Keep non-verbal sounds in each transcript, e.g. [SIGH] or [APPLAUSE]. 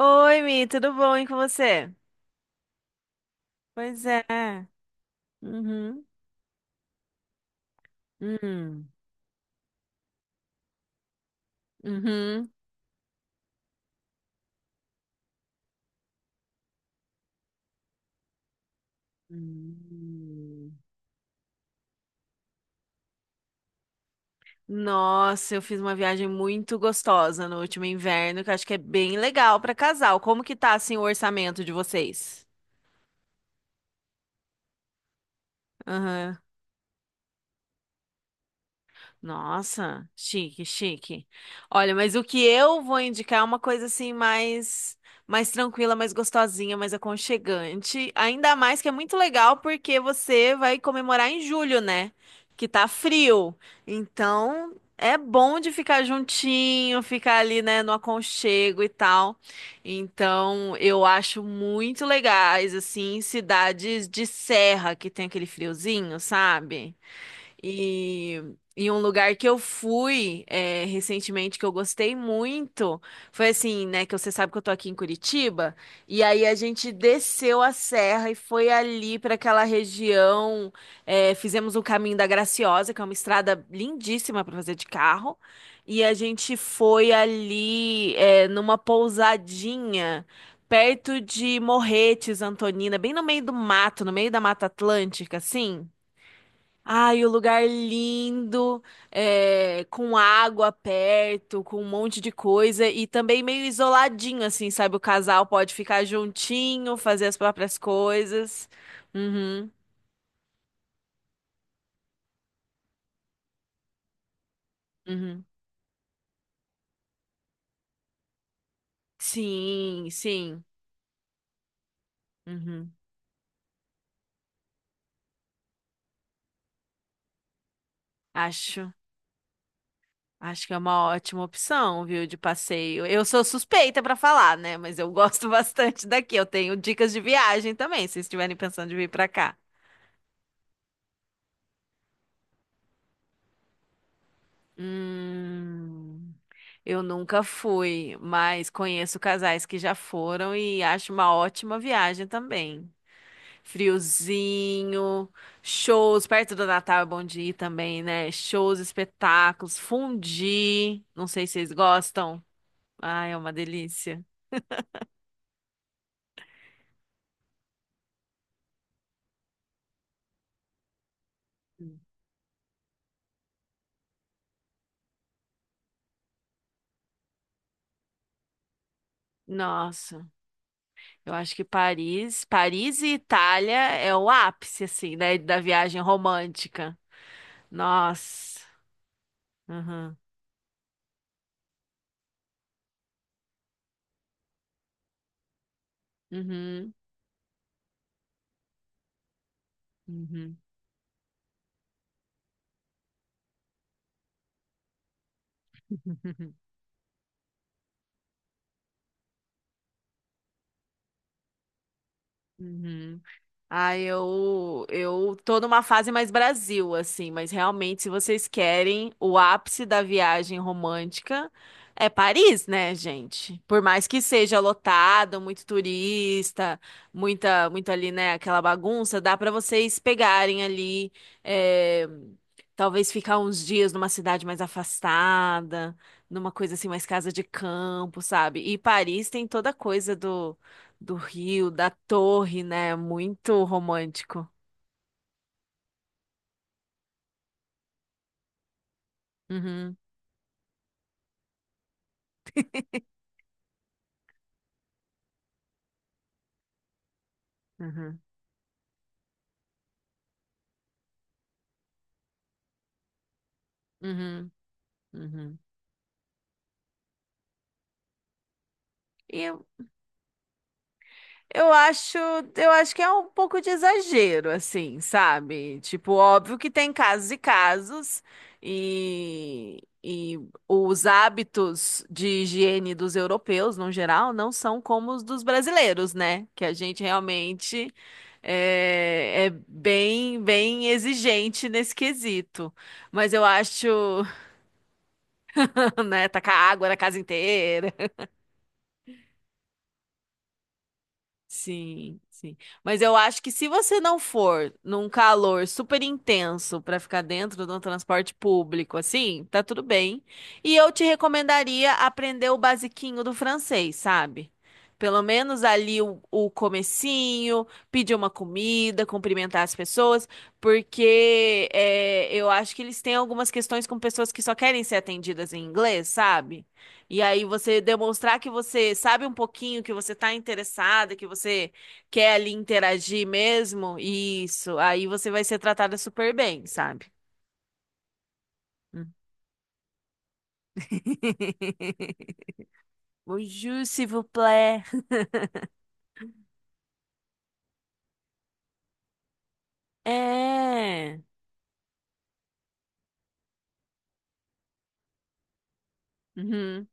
Oi, Mi, tudo bom, hein, com você? Pois é. Uhum. Hum. Uhum. Hum. Nossa, eu fiz uma viagem muito gostosa no último inverno, que eu acho que é bem legal para casal. Como que tá, assim, o orçamento de vocês? Nossa, chique, chique. Olha, mas o que eu vou indicar é uma coisa assim mais tranquila, mais gostosinha, mais aconchegante. Ainda mais que é muito legal porque você vai comemorar em julho, né? Que tá frio. Então, é bom de ficar juntinho, ficar ali, né, no aconchego e tal. Então, eu acho muito legais assim cidades de serra que tem aquele friozinho, sabe? E, e um lugar que eu fui recentemente que eu gostei muito foi assim, né? Que você sabe que eu tô aqui em Curitiba. E aí a gente desceu a serra e foi ali para aquela região. Fizemos o caminho da Graciosa, que é uma estrada lindíssima para fazer de carro. E a gente foi ali numa pousadinha. Perto de Morretes, Antonina, bem no meio do mato, no meio da Mata Atlântica, assim. Ai, o lugar lindo, com água perto, com um monte de coisa e também meio isoladinho, assim, sabe? O casal pode ficar juntinho, fazer as próprias coisas. Uhum, uhum. Sim, sim. Uhum. Acho, acho que é uma ótima opção, viu, de passeio. Eu sou suspeita pra falar, né? Mas eu gosto [LAUGHS] bastante daqui. Eu tenho dicas de viagem também, se estiverem pensando de vir pra cá. Hum. Eu nunca fui, mas conheço casais que já foram e acho uma ótima viagem também. Friozinho, shows, perto do Natal é bom de ir também, né? Shows, espetáculos, fundi, não sei se vocês gostam. Ah, é uma delícia. Nossa, eu acho que Paris, Paris e Itália é o ápice, assim, né, da viagem romântica. Nossa. Uhum. Uhum. Uhum. [LAUGHS] Uhum. Ah, eu tô numa fase mais Brasil, assim, mas realmente, se vocês querem o ápice da viagem romântica, é Paris, né, gente? Por mais que seja lotado, muito turista, muito ali, né, aquela bagunça, dá pra vocês pegarem ali, é, talvez ficar uns dias numa cidade mais afastada, numa coisa assim, mais casa de campo, sabe? E Paris tem toda a coisa do rio, da torre, né? Muito romântico. Uhum, uhum, uhum, uhum. E eu, eu acho, eu acho que é um pouco de exagero, assim, sabe? Tipo, óbvio que tem casos e casos, e os hábitos de higiene dos europeus, no geral, não são como os dos brasileiros, né? Que a gente realmente é bem, exigente nesse quesito. Mas eu acho. [LAUGHS] [LAUGHS] né? Tacar água na casa inteira. [LAUGHS] Sim, sim. Mas eu acho que se você não for num calor super intenso pra ficar dentro de um transporte público, assim, tá tudo bem. E eu te recomendaria aprender o basiquinho do francês, sabe? Pelo menos ali o comecinho, pedir uma comida, cumprimentar as pessoas, porque eu acho que eles têm algumas questões com pessoas que só querem ser atendidas em inglês, sabe? E aí você demonstrar que você sabe um pouquinho, que você tá interessada, que você quer ali interagir mesmo, isso, aí você vai ser tratada super bem, sabe? Hum. [LAUGHS] Bonjour, s'il vous plaît. É. Uhum.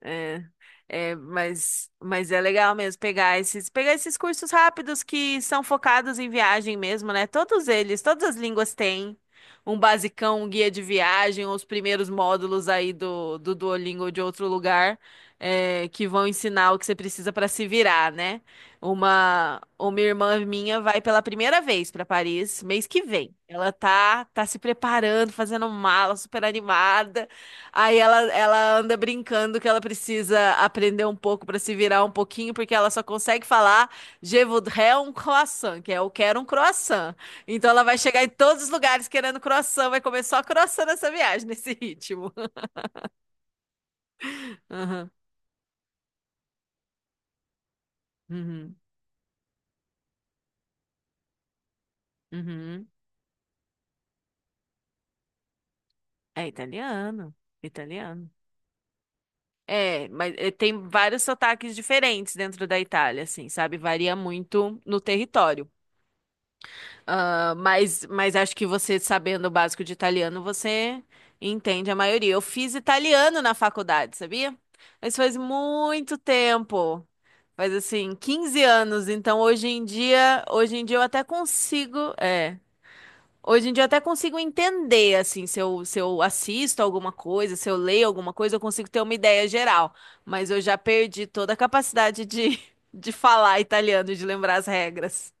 É, é, mas é legal mesmo pegar esses cursos rápidos que são focados em viagem mesmo, né? Todos eles, todas as línguas têm um basicão, um guia de viagem, os primeiros módulos aí do Duolingo ou de outro lugar, que vão ensinar o que você precisa para se virar, né? Uma irmã minha vai pela primeira vez para Paris mês que vem. Ela tá se preparando, fazendo mala, super animada. Aí ela anda brincando que ela precisa aprender um pouco para se virar um pouquinho, porque ela só consegue falar Je voudrais un croissant, que é eu quero um croissant. Então ela vai chegar em todos os lugares querendo croissant, vai comer só croissant nessa viagem, nesse ritmo. [LAUGHS] Aham, uhum, uhum. É italiano, italiano. É, mas tem vários sotaques diferentes dentro da Itália, assim, sabe? Varia muito no território. Ah, mas acho que você, sabendo o básico de italiano, você entende a maioria. Eu fiz italiano na faculdade, sabia? Mas faz muito tempo. Faz assim, 15 anos. Então hoje em dia eu até consigo, é, hoje em dia eu até consigo entender assim, se eu assisto alguma coisa, se eu leio alguma coisa, eu consigo ter uma ideia geral. Mas eu já perdi toda a capacidade de, [LAUGHS] de falar italiano, de lembrar as regras.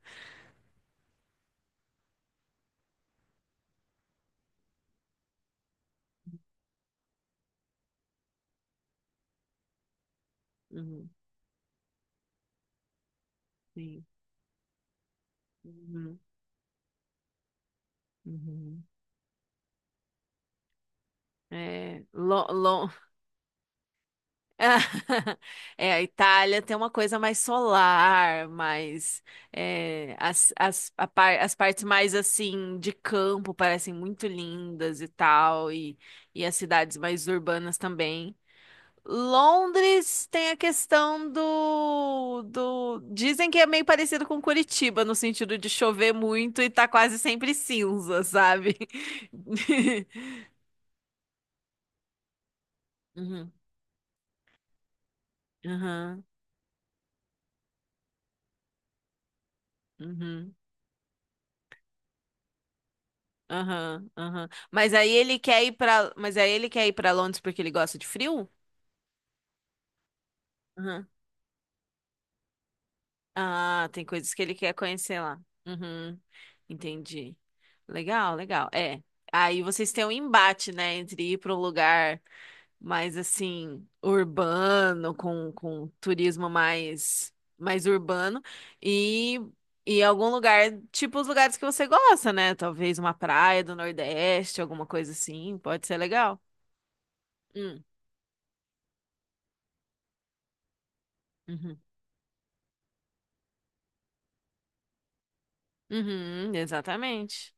Uhum, sim. Uhum. Uhum. É, [LAUGHS] É, a Itália tem uma coisa mais solar, mais as partes mais assim de campo parecem muito lindas e tal, e as cidades mais urbanas também. Londres tem a questão do. Dizem que é meio parecido com Curitiba, no sentido de chover muito e tá quase sempre cinza, sabe? [LAUGHS] Uhum, uhum, uhum. Aham, aham. Mas aí ele quer ir pra. Mas aí ele quer ir para Londres porque ele gosta de frio? Aham. Ah, tem coisas que ele quer conhecer lá. Uhum, entendi. Legal, legal. É. Aí vocês têm um embate, né, entre ir para um lugar mais assim urbano, com turismo mais urbano e e algum lugar, tipo os lugares que você gosta, né? Talvez uma praia do Nordeste, alguma coisa assim, pode ser legal. Hum. Uhum, exatamente.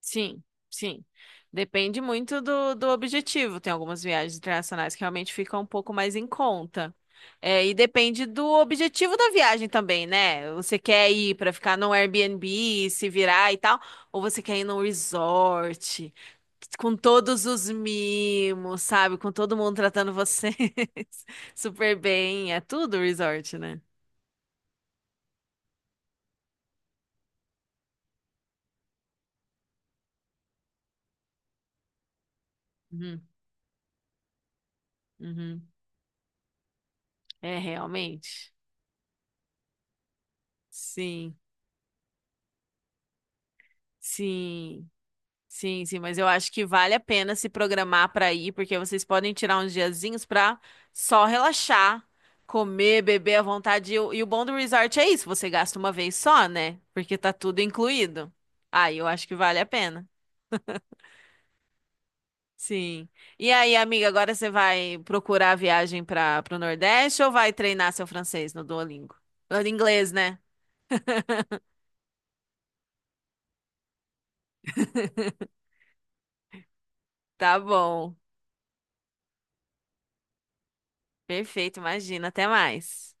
Sim, sim. Depende muito do objetivo. Tem algumas viagens internacionais que realmente ficam um pouco mais em conta. É, e depende do objetivo da viagem também, né? Você quer ir para ficar num Airbnb, se virar e tal, ou você quer ir num resort, com todos os mimos, sabe? Com todo mundo tratando você [LAUGHS] super bem. É tudo resort, né? Uhum, uhum. É, realmente. Sim. Sim, sim, sim, mas eu acho que vale a pena se programar para ir, porque vocês podem tirar uns diazinhos para só relaxar, comer, beber à vontade. E o bom do resort é isso, você gasta uma vez só, né? Porque tá tudo incluído. Aí eu acho que vale a pena. Sim. E aí, amiga, agora você vai procurar a viagem para o Nordeste ou vai treinar seu francês no Duolingo? No inglês, né? Tá bom. Perfeito, imagina. Até mais.